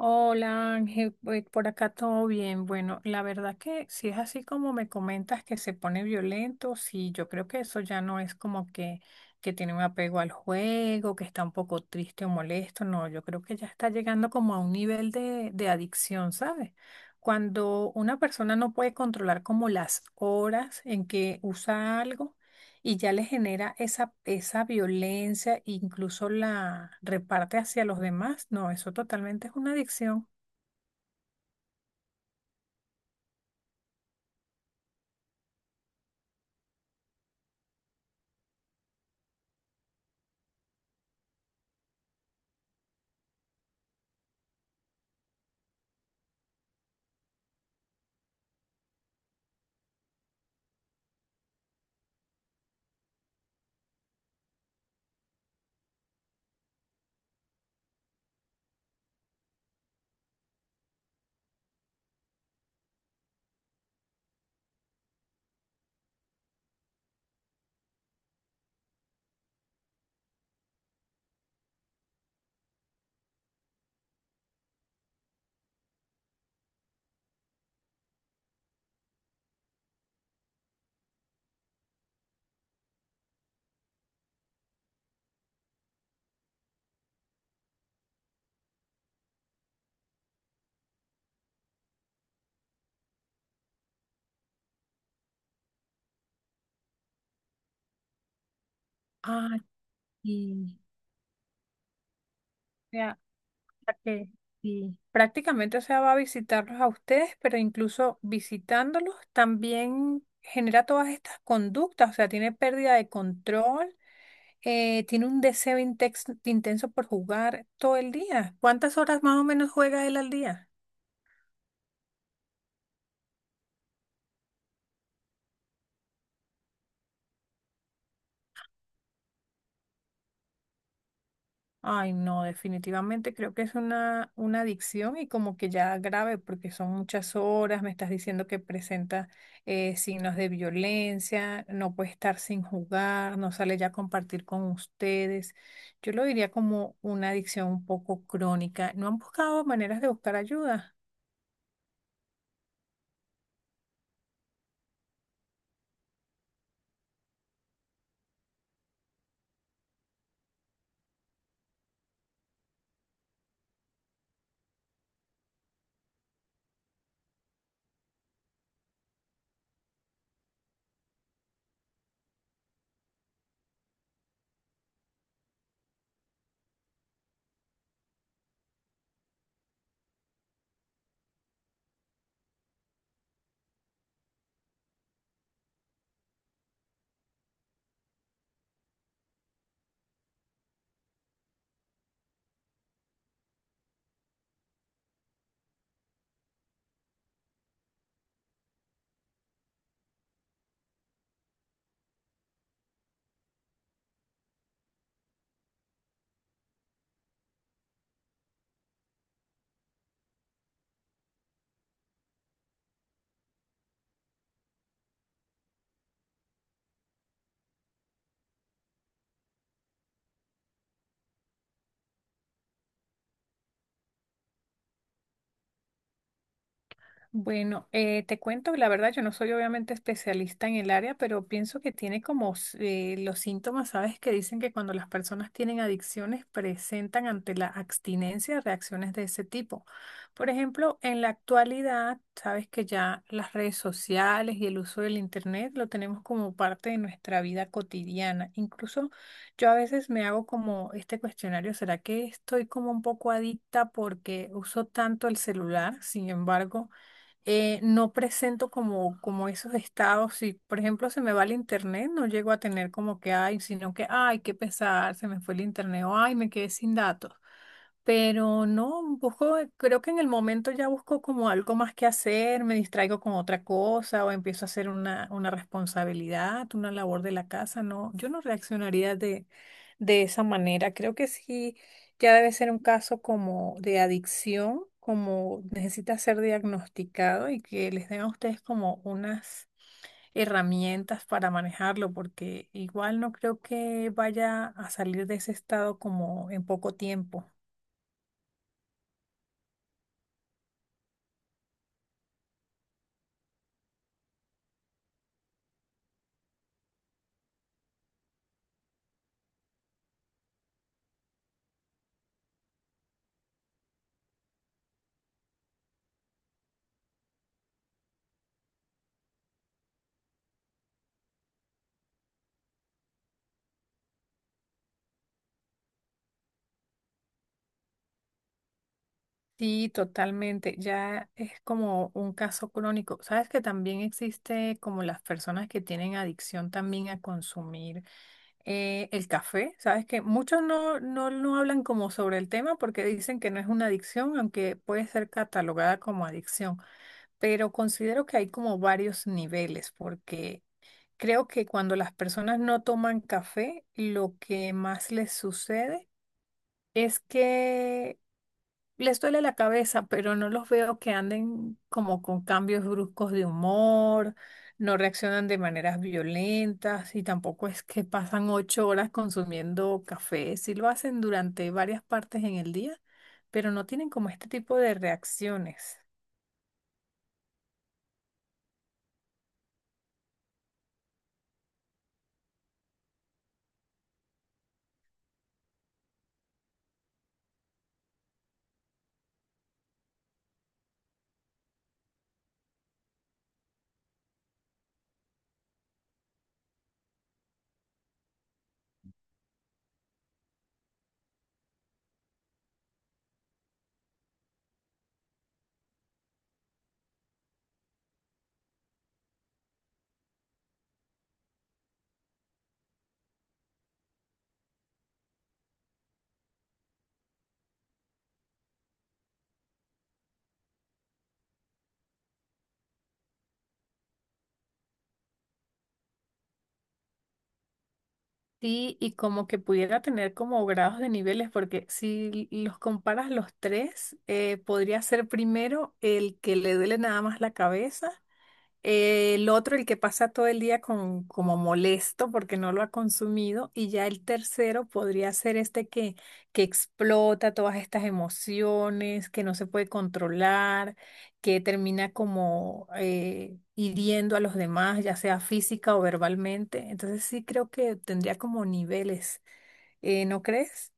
Hola Ángel, pues, por acá todo bien. Bueno, la verdad que si es así como me comentas que se pone violento, sí, yo creo que eso ya no es como que tiene un apego al juego, que está un poco triste o molesto, no, yo creo que ya está llegando como a un nivel de adicción, ¿sabes? Cuando una persona no puede controlar como las horas en que usa algo y ya le genera esa violencia, incluso la reparte hacia los demás. No, eso totalmente es una adicción. Ah, sí. O sea, la que sí. Prácticamente, o sea, va a visitarlos a ustedes, pero incluso visitándolos también genera todas estas conductas, o sea, tiene pérdida de control. Tiene un deseo intenso por jugar todo el día. ¿Cuántas horas más o menos juega él al día? Ay, no, definitivamente creo que es una adicción y como que ya grave porque son muchas horas, me estás diciendo que presenta signos de violencia, no puede estar sin jugar, no sale ya a compartir con ustedes. Yo lo diría como una adicción un poco crónica. ¿No han buscado maneras de buscar ayuda? Bueno, te cuento, la verdad, yo no soy obviamente especialista en el área, pero pienso que tiene como los síntomas, ¿sabes? Que dicen que cuando las personas tienen adicciones presentan ante la abstinencia reacciones de ese tipo. Por ejemplo, en la actualidad, sabes que ya las redes sociales y el uso del internet lo tenemos como parte de nuestra vida cotidiana. Incluso yo a veces me hago como este cuestionario, ¿será que estoy como un poco adicta porque uso tanto el celular? Sin embargo no presento como, como esos estados. Si, por ejemplo, se me va el internet, no llego a tener como que ay, sino que ay, qué pesar, se me fue el internet o ay, me quedé sin datos. Pero no, busco, creo que en el momento ya busco como algo más que hacer, me distraigo con otra cosa o empiezo a hacer una responsabilidad, una labor de la casa. No, yo no reaccionaría de esa manera. Creo que sí ya debe ser un caso como de adicción, como necesita ser diagnosticado y que les den a ustedes como unas herramientas para manejarlo, porque igual no creo que vaya a salir de ese estado como en poco tiempo. Sí, totalmente. Ya es como un caso crónico. Sabes que también existe como las personas que tienen adicción también a consumir eh, el café, sabes que muchos no hablan como sobre el tema porque dicen que no es una adicción, aunque puede ser catalogada como adicción. Pero considero que hay como varios niveles porque creo que cuando las personas no toman café, lo que más les sucede es que les duele la cabeza, pero no los veo que anden como con cambios bruscos de humor, no reaccionan de maneras violentas y tampoco es que pasan 8 horas consumiendo café. Sí lo hacen durante varias partes en el día, pero no tienen como este tipo de reacciones. Sí, y como que pudiera tener como grados de niveles, porque si los comparas los tres, podría ser primero el que le duele nada más la cabeza. El otro, el que pasa todo el día con, como molesto porque no lo ha consumido. Y ya el tercero podría ser este que explota todas estas emociones, que no se puede controlar, que termina como hiriendo a los demás, ya sea física o verbalmente. Entonces sí creo que tendría como niveles, ¿no crees?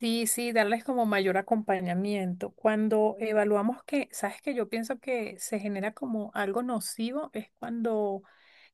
Sí, sí, darles como mayor acompañamiento. Cuando evaluamos que, sabes que yo pienso que se genera como algo nocivo, es cuando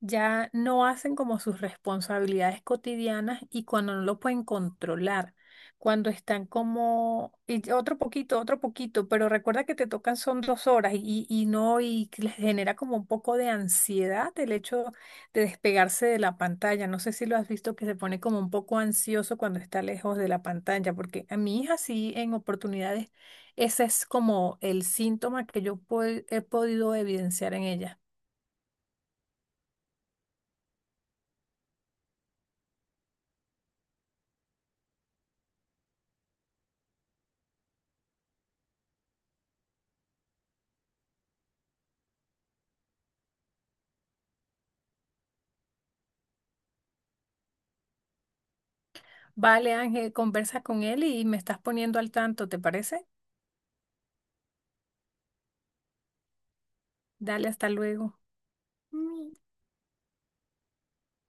ya no hacen como sus responsabilidades cotidianas y cuando no lo pueden controlar, cuando están como, y ya otro poquito, pero recuerda que te tocan son 2 horas y no, y que les genera como un poco de ansiedad el hecho de despegarse de la pantalla. No sé si lo has visto que se pone como un poco ansioso cuando está lejos de la pantalla, porque a mi hija sí en oportunidades ese es como el síntoma que yo he podido evidenciar en ella. Vale, Ángel, conversa con él y me estás poniendo al tanto, ¿te parece? Dale, hasta luego.